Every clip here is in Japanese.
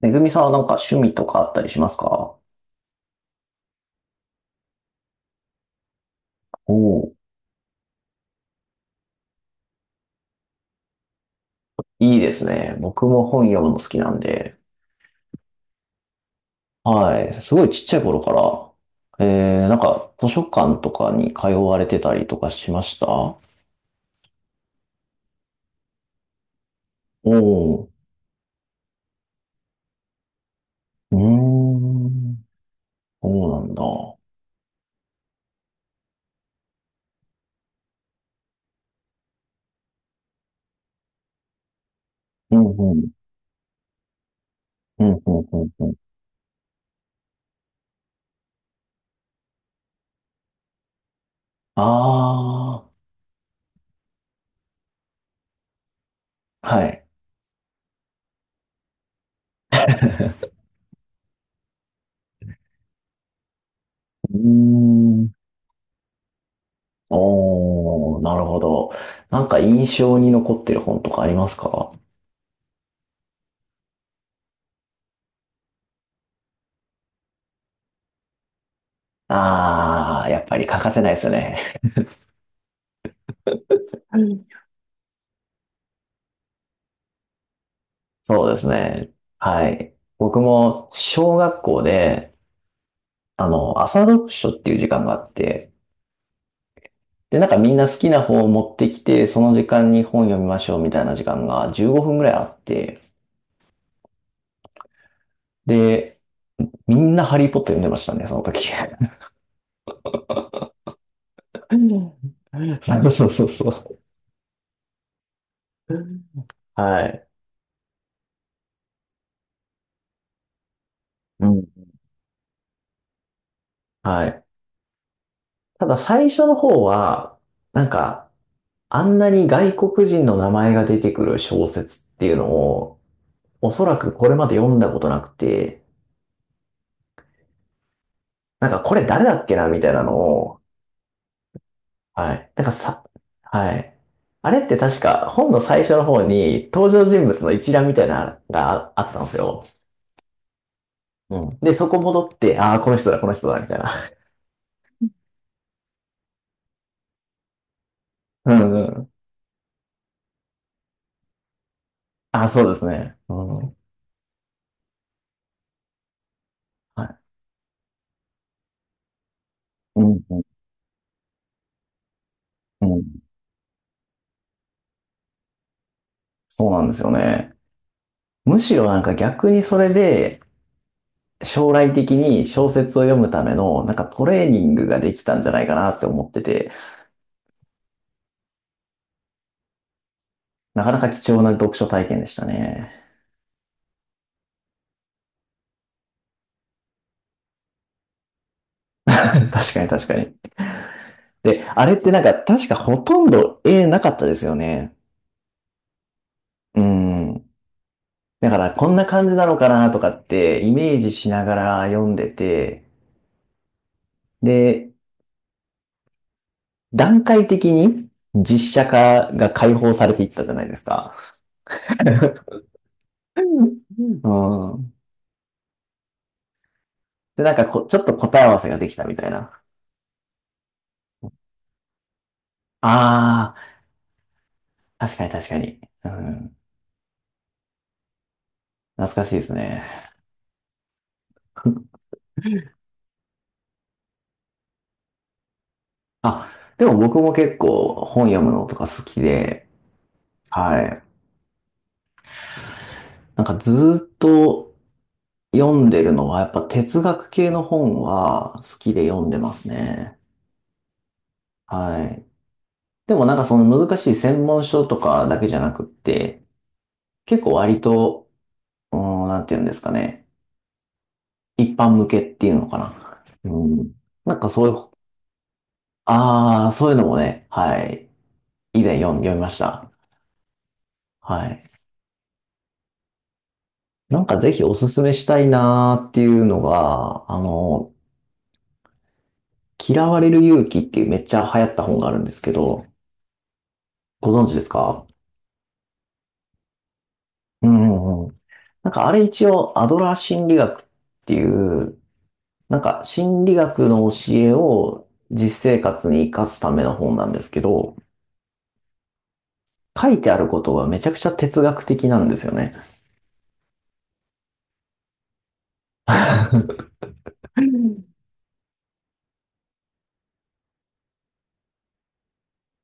めぐみさんはなんか趣味とかあったりしますか？おおー、いいですね。僕も本読むの好きなんで。はい。すごいちっちゃい頃から、なんか図書館とかに通われてたりとかしましたお？おー、うーん、そうなんだ。うんうん、うんうんうんうん。ああ、はい。うーん、おー、なるほど。なんか印象に残ってる本とかありますか？ああー、やっぱり欠かせないですよね。はい。そうですね。はい。僕も小学校で、朝読書っていう時間があって、で、なんかみんな好きな本を持ってきて、その時間に本読みましょうみたいな時間が15分ぐらいあって、で、みんなハリーポッター読んでましたね、その時。うん。そうそうそうそう。はい。うん。はい。ただ最初の方は、なんか、あんなに外国人の名前が出てくる小説っていうのを、おそらくこれまで読んだことなくて、なんかこれ誰だっけなみたいなのを、はい。なんかさ、はい。あれって確か本の最初の方に登場人物の一覧みたいなのがああったんですよ。うん。で、そこ戻って、ああ、この人だ、この人だ、みたいな。うんうん。あ、そうですね。うん。はい。うん、うん、うん。そうなんですよね。むしろなんか逆にそれで、将来的に小説を読むための、なんかトレーニングができたんじゃないかなって思ってて。なかなか貴重な読書体験でしたね。確かに確かに。で、あれってなんか確かほとんど絵なかったですよね。うん。だからこんな感じなのかなとかってイメージしながら読んでて、で、段階的に実写化が解放されていったじゃないですか。うん。で、なんかちょっと答え合わせができたみたいな。ああ、確かに確かに。うん。懐かしいですね。あ、でも僕も結構本読むのとか好きで、はい。なんかずーっと読んでるのはやっぱ哲学系の本は好きで読んでますね。はい。でもなんかその難しい専門書とかだけじゃなくって、結構割と、うーん、なんて言うんですかね。一般向けっていうのかな。うん。なんかそういう、ああ、そういうのもね、はい。以前読みました。はい。なんかぜひおすすめしたいなーっていうのが、嫌われる勇気っていうめっちゃ流行った本があるんですけど、ご存知ですか？うんうんうん。なんかあれ一応アドラー心理学っていう、なんか心理学の教えを実生活に活かすための本なんですけど、書いてあることがめちゃくちゃ哲学的なんですよね。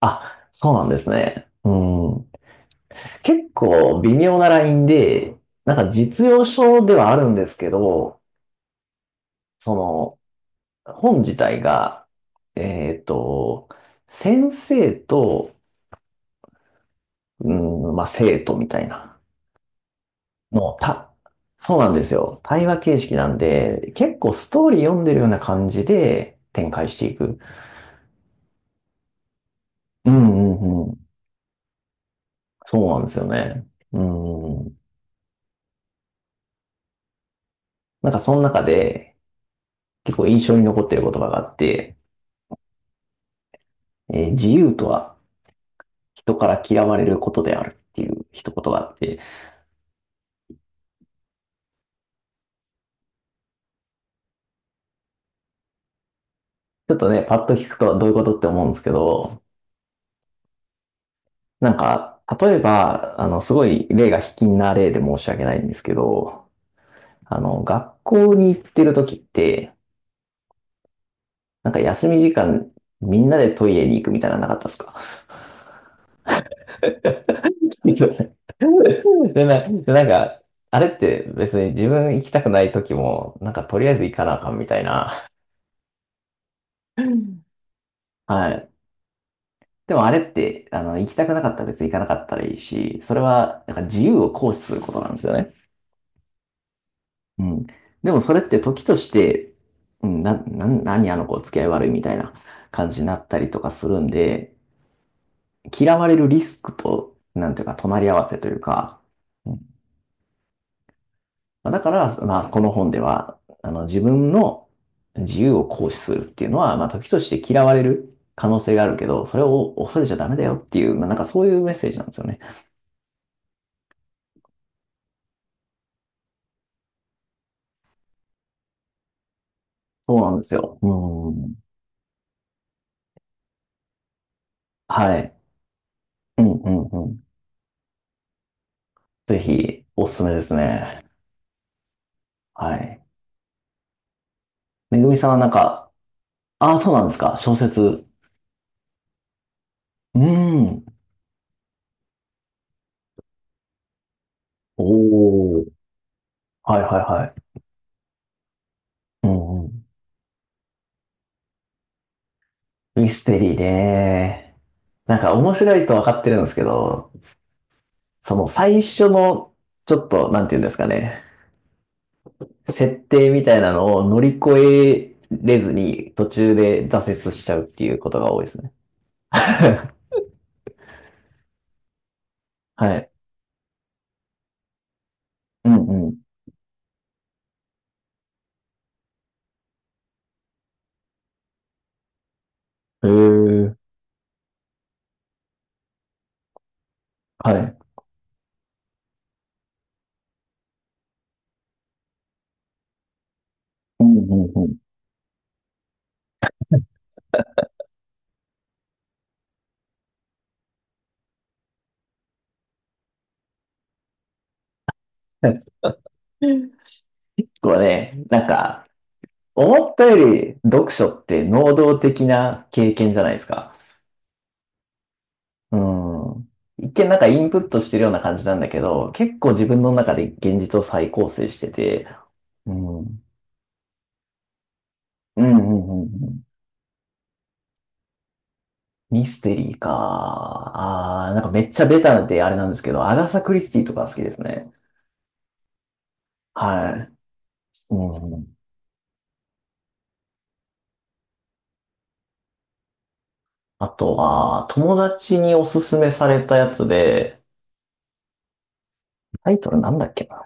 あ、そうなんですね。うん。結構微妙なラインで、なんか実用書ではあるんですけど、その、本自体が、えっと、先生と、うん、まあ、生徒みたいな。もう、そうなんですよ。対話形式なんで、結構ストーリー読んでるような感じで展開していく。うんうんうん。そうなんですよね。うん。なんかその中で結構印象に残ってる言葉があって、自由とは人から嫌われることであるっていう一言があって、ちょっとね、パッと聞くとどういうことって思うんですけど、なんか、例えば、すごい例が卑近な例で申し訳ないんですけど、学校に行ってる時って、なんか休み時間、みんなでトイレに行くみたいなのなかったですか？ すいません。でなんか、あれって別に自分行きたくない時も、なんかとりあえず行かなあかんみたいな。はい。でもあれって、行きたくなかったら別に行かなかったらいいし、それは、なんか自由を行使することなんですよね。うん。でもそれって時として、うん、何あの子付き合い悪いみたいな感じになったりとかするんで、嫌われるリスクと、なんていうか、隣り合わせというか、うんまあだから、まあ、この本では、自分の自由を行使するっていうのは、まあ、時として嫌われる可能性があるけど、それを恐れちゃダメだよっていう、まあ、なんかそういうメッセージなんですよね。そうなんですよ。うん。はい。うん、うん、うん。ぜひ、おすすめですね。はい。めぐみさんはなんか、ああ、そうなんですか。小説。うーん。おお。はいはいはい。うんうん。ミステリーね。なんか面白いと分かってるんですけど、その最初の、ちょっと、なんて言うんですかね。設定みたいなのを乗り越えれずに途中で挫折しちゃうっていうことが多いですね。はい。うんうん。へえ。はい。うんうんうん。これね、なんか、思ったより読書って能動的な経験じゃないですか。うん。一見なんかインプットしてるような感じなんだけど、結構自分の中で現実を再構成してて、うん。うんうんうんうんミステリーか。あー、なんかめっちゃベタであれなんですけど、アガサ・クリスティとか好きですね。はい。うん。あとは、友達におすすめされたやつで、タイトルなんだっけな。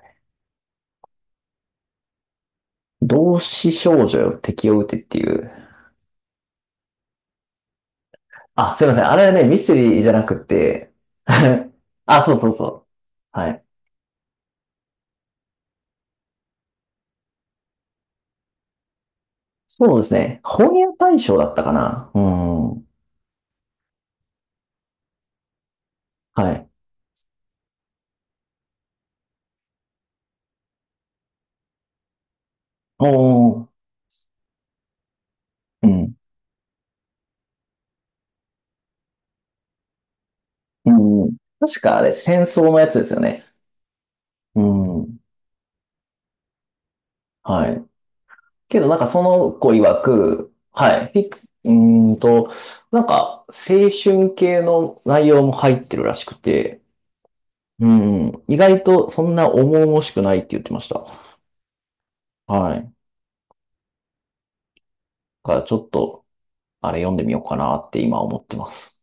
同志少女よ敵を撃てっていう、あ、すいません。あれはね、ミステリーじゃなくて、 あ、そうそうそう。はい。そうですね。本屋大賞だったかな。うん。はい。おー。うん。うん。確かあれ、戦争のやつですよね。うん。はい。けどなんかその子曰く、はい。フィクうーんと、なんか青春系の内容も入ってるらしくて、うん。意外とそんな重々しくないって言ってました。はい。だからちょっと、あれ読んでみようかなって今思ってます。